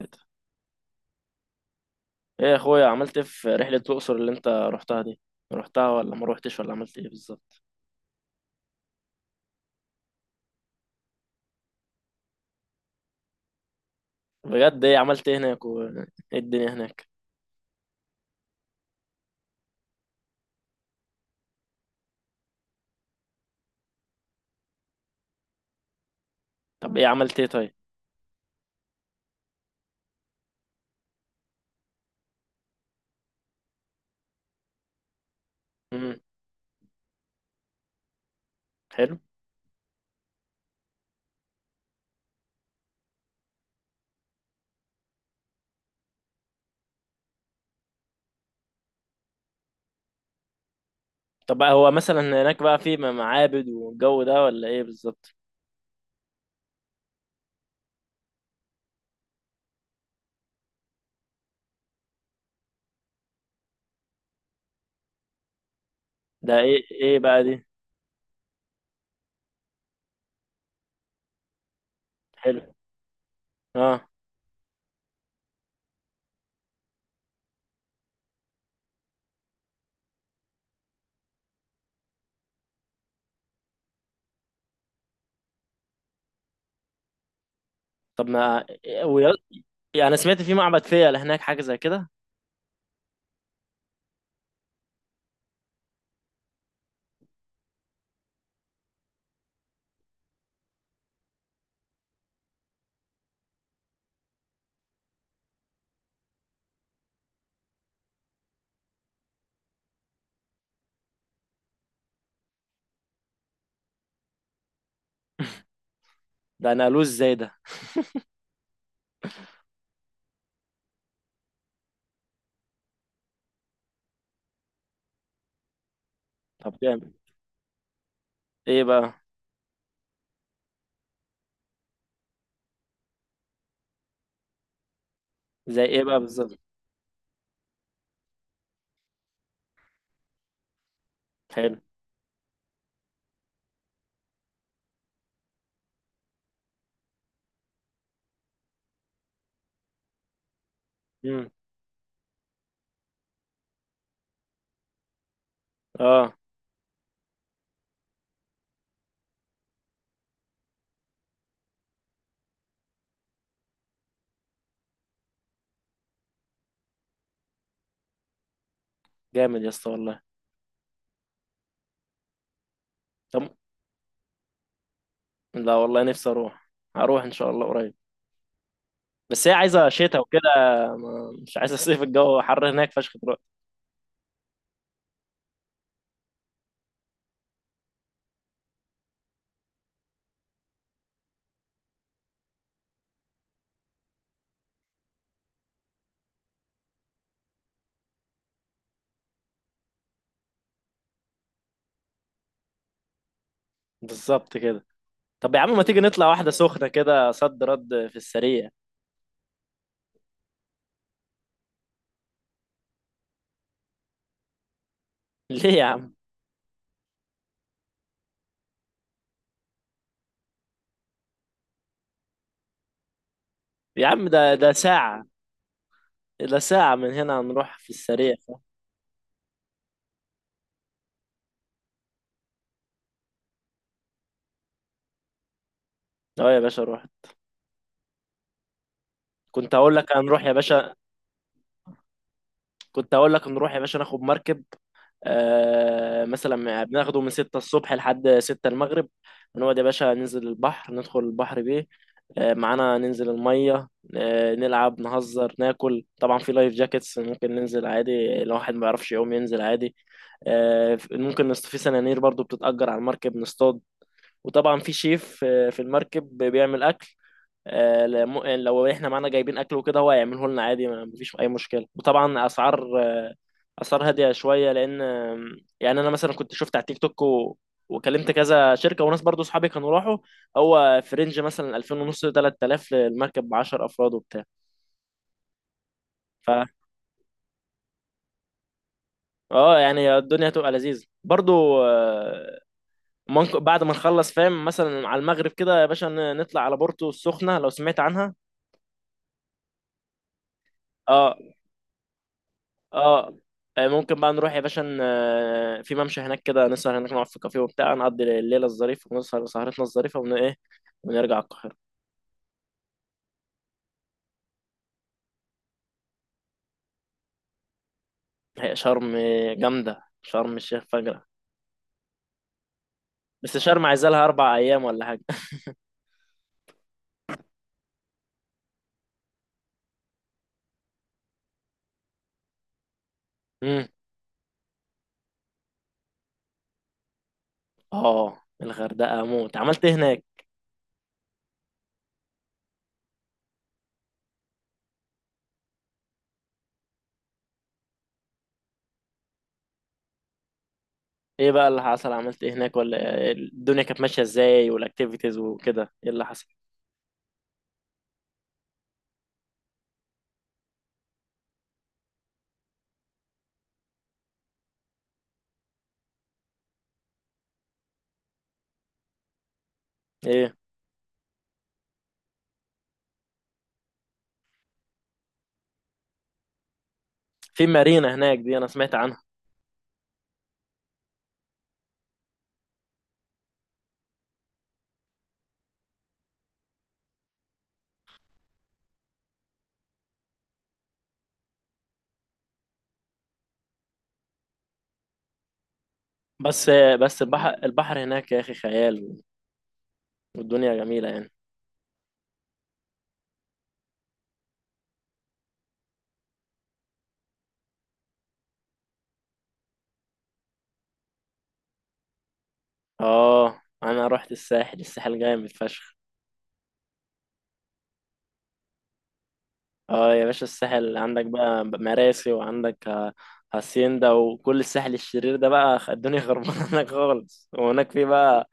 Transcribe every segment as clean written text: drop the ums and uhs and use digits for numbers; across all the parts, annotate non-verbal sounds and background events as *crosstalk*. ايه، يا اخويا، عملت ايه في رحلة الأقصر اللي انت رحتها دي؟ رحتها ولا ما روحتش ولا عملت ايه بالظبط؟ بجد، ايه عملت ايه هناك وايه الدنيا هناك؟ طب ايه عملت ايه طيب؟ امم حلو. طب، بقى هو مثلا هناك بقى في معابد والجو ده، ولا ايه بالظبط؟ ده ايه بقى دي؟ حلو. اه. طب ما إيه؟ يعني انا سمعت في معبد فيلة هناك حاجة زي كده. ده انا قالوه ازاي ده؟ طب، جامد. ايه بقى؟ زي ايه بقى بالظبط؟ حلو. امم اه. جامد يا اسطى والله. طب، لا والله، نفسي اروح. هروح ان شاء الله قريب. بس هي عايزه شتاء وكده. مش عايزه صيف، الجو حر هناك فشخ دلوقتي. بالظبط كده. طب يا عم، ما تيجي نطلع واحده سخنه كده صد رد في السريع؟ *laughs* ليه يا عم؟ يا عم، ده ساعه. ده ساعه من هنا، هنروح في السريع. اه يا باشا، روح. كنت هقول لك هنروح يا باشا. كنت هقول لك نروح يا باشا ناخد مركب. مثلا بناخده من 6 الصبح لحد 6 المغرب. بنقعد يا باشا، ننزل البحر، ندخل البحر بيه. معانا ننزل المية. نلعب، نهزر، ناكل، طبعا في لايف جاكيتس ممكن ننزل عادي، لو واحد ما يعرفش يقوم ينزل عادي. ممكن في سنانير برضو بتتأجر على المركب نصطاد. وطبعا في شيف، في المركب بيعمل أكل. لو احنا معانا جايبين اكل وكده هو هيعمله لنا عادي، مفيش اي مشكله، وطبعا اسعار هاديه شويه لان يعني انا مثلا كنت شفت على التيك توك وكلمت كذا شركه وناس، برضو صحابي كانوا راحوا. هو في رينج مثلا 2000 ونص 3000 للمركب ب 10 افراد وبتاع. ف اه يعني الدنيا تبقى لذيذ برضو. ممكن بعد ما نخلص فاهم مثلا على المغرب كده يا باشا نطلع على بورتو السخنه لو سمعت عنها. اه. اه. ممكن بقى نروح يا باشا، في ممشى هناك كده، نسهر هناك، نقعد في كافيه وبتاع، نقضي الليله الظريفه، ونسهر سهرتنا الظريفه، ايه، ونرجع القاهره. هي شرم جامدة، شرم الشيخ فجرة. بس شرم عايزة لها 4 أيام ولا حاجة. امم اه، الغردقة موت. عملت ايه هناك؟ ايه بقى اللي حصل؟ عملت ايه هناك ولا الدنيا كانت ماشية ازاي والاكتيفيتيز وكده؟ ايه اللي حصل؟ ايه، في مارينا هناك دي أنا سمعت عنها. بس بس البحر هناك يا أخي خيال. والدنيا جميلة يعني. اه أنا رحت الساحل. الساحل جامد فشخ. اه يا باشا، الساحل عندك بقى مراسي، وعندك هاسيندا وكل الساحل الشرير ده، بقى الدنيا خربانه *laughs* هناك خالص، وهناك في بقى.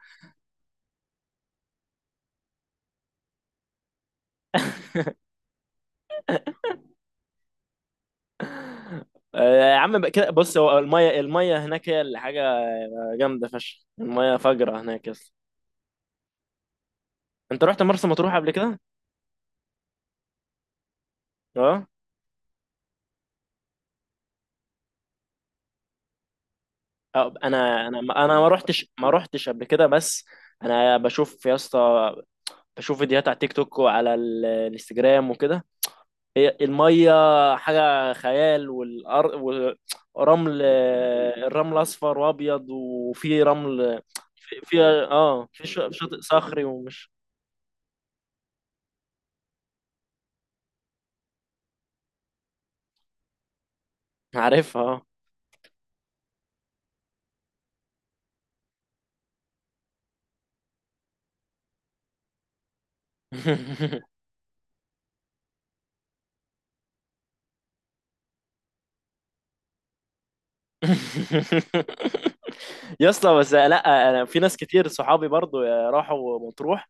يا عم بقى كده بص، هو الميه هناك هي اللي حاجه جامده فشخ، الميه فجره هناك، يس. انت رحت مرسى مطروح قبل كده؟ اه. انا ما رحتش قبل كده، بس انا بشوف يا اسطى، بشوف فيديوهات على تيك توك وعلى الانستجرام وكده. هي الميه حاجه خيال، ورمل. الرمل اصفر وابيض، وفي رمل، في، في شاطئ صخري ومش عارفها، آه. *laughs* يا اسطى، بس لا، انا في ناس كتير صحابي برضو راحوا مطروح،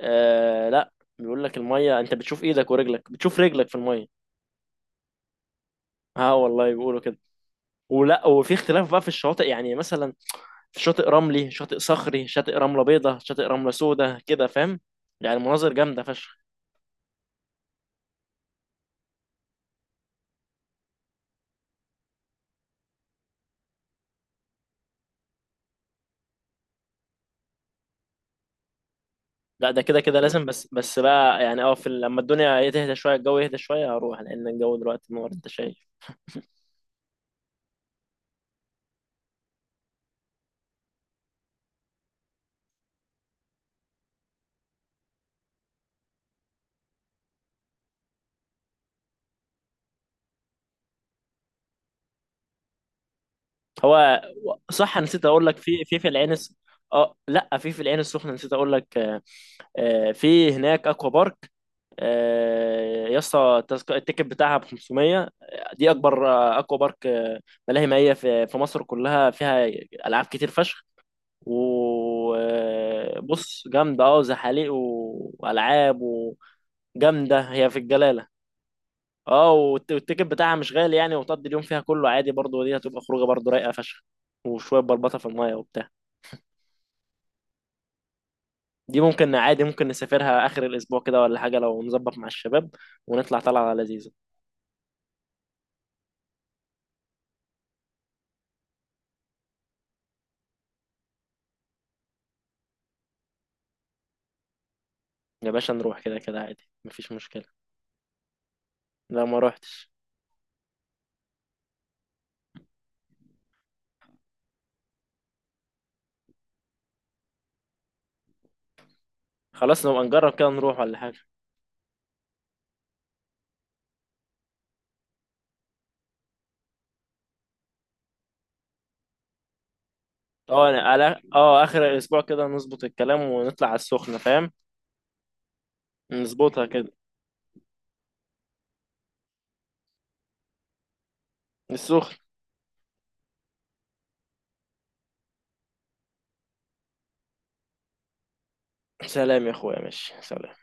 آه لا، بيقول لك الميه انت بتشوف ايدك ورجلك، بتشوف رجلك في الميه. اه والله، بيقولوا كده. ولا وفي اختلاف بقى في الشواطئ يعني، مثلا شاطئ رملي، شاطئ صخري، شاطئ رملة بيضة، شاطئ رملة سودة، كده فاهم؟ يعني مناظر جامدة فشخ. لا، ده كده كده لازم، بس بس بقى يعني اه في لما الدنيا إيه تهدى شوية، الجو يهدى شوية، هروح، لأن الجو دلوقتي نور، أنت شايف. هو، صح، نسيت أقول لك في العين اه لا، في العين السخنة نسيت أقول لك. في هناك أكوا بارك. يا اسطى، التيكت بتاعها ب 500. دي أكبر أكوا بارك، ملاهي مائية في مصر كلها، فيها ألعاب كتير فشخ. وبص جامدة اه، زحاليق وألعاب، وجامدة هي في الجلالة. اه، والتيكت بتاعها مش غالي يعني، وتقضي اليوم فيها كله عادي برضه، ودي هتبقى خروجة برضه رايقة فشخ، وشوية بلبطة في المية وبتاع. دي ممكن عادي، ممكن نسافرها آخر الأسبوع كده ولا حاجة لو نظبط مع الشباب، ونطلع طلعة لذيذة. يا باشا نروح كده كده عادي، مفيش مشكلة. لا ما روحتش. خلاص نبقى نجرب كده، نروح ولا حاجة. اه، على اه آخر الأسبوع كده نظبط الكلام، ونطلع على السخنة فاهم، نظبطها كده. السخن. سلام يا اخويا، ماشي، سلام.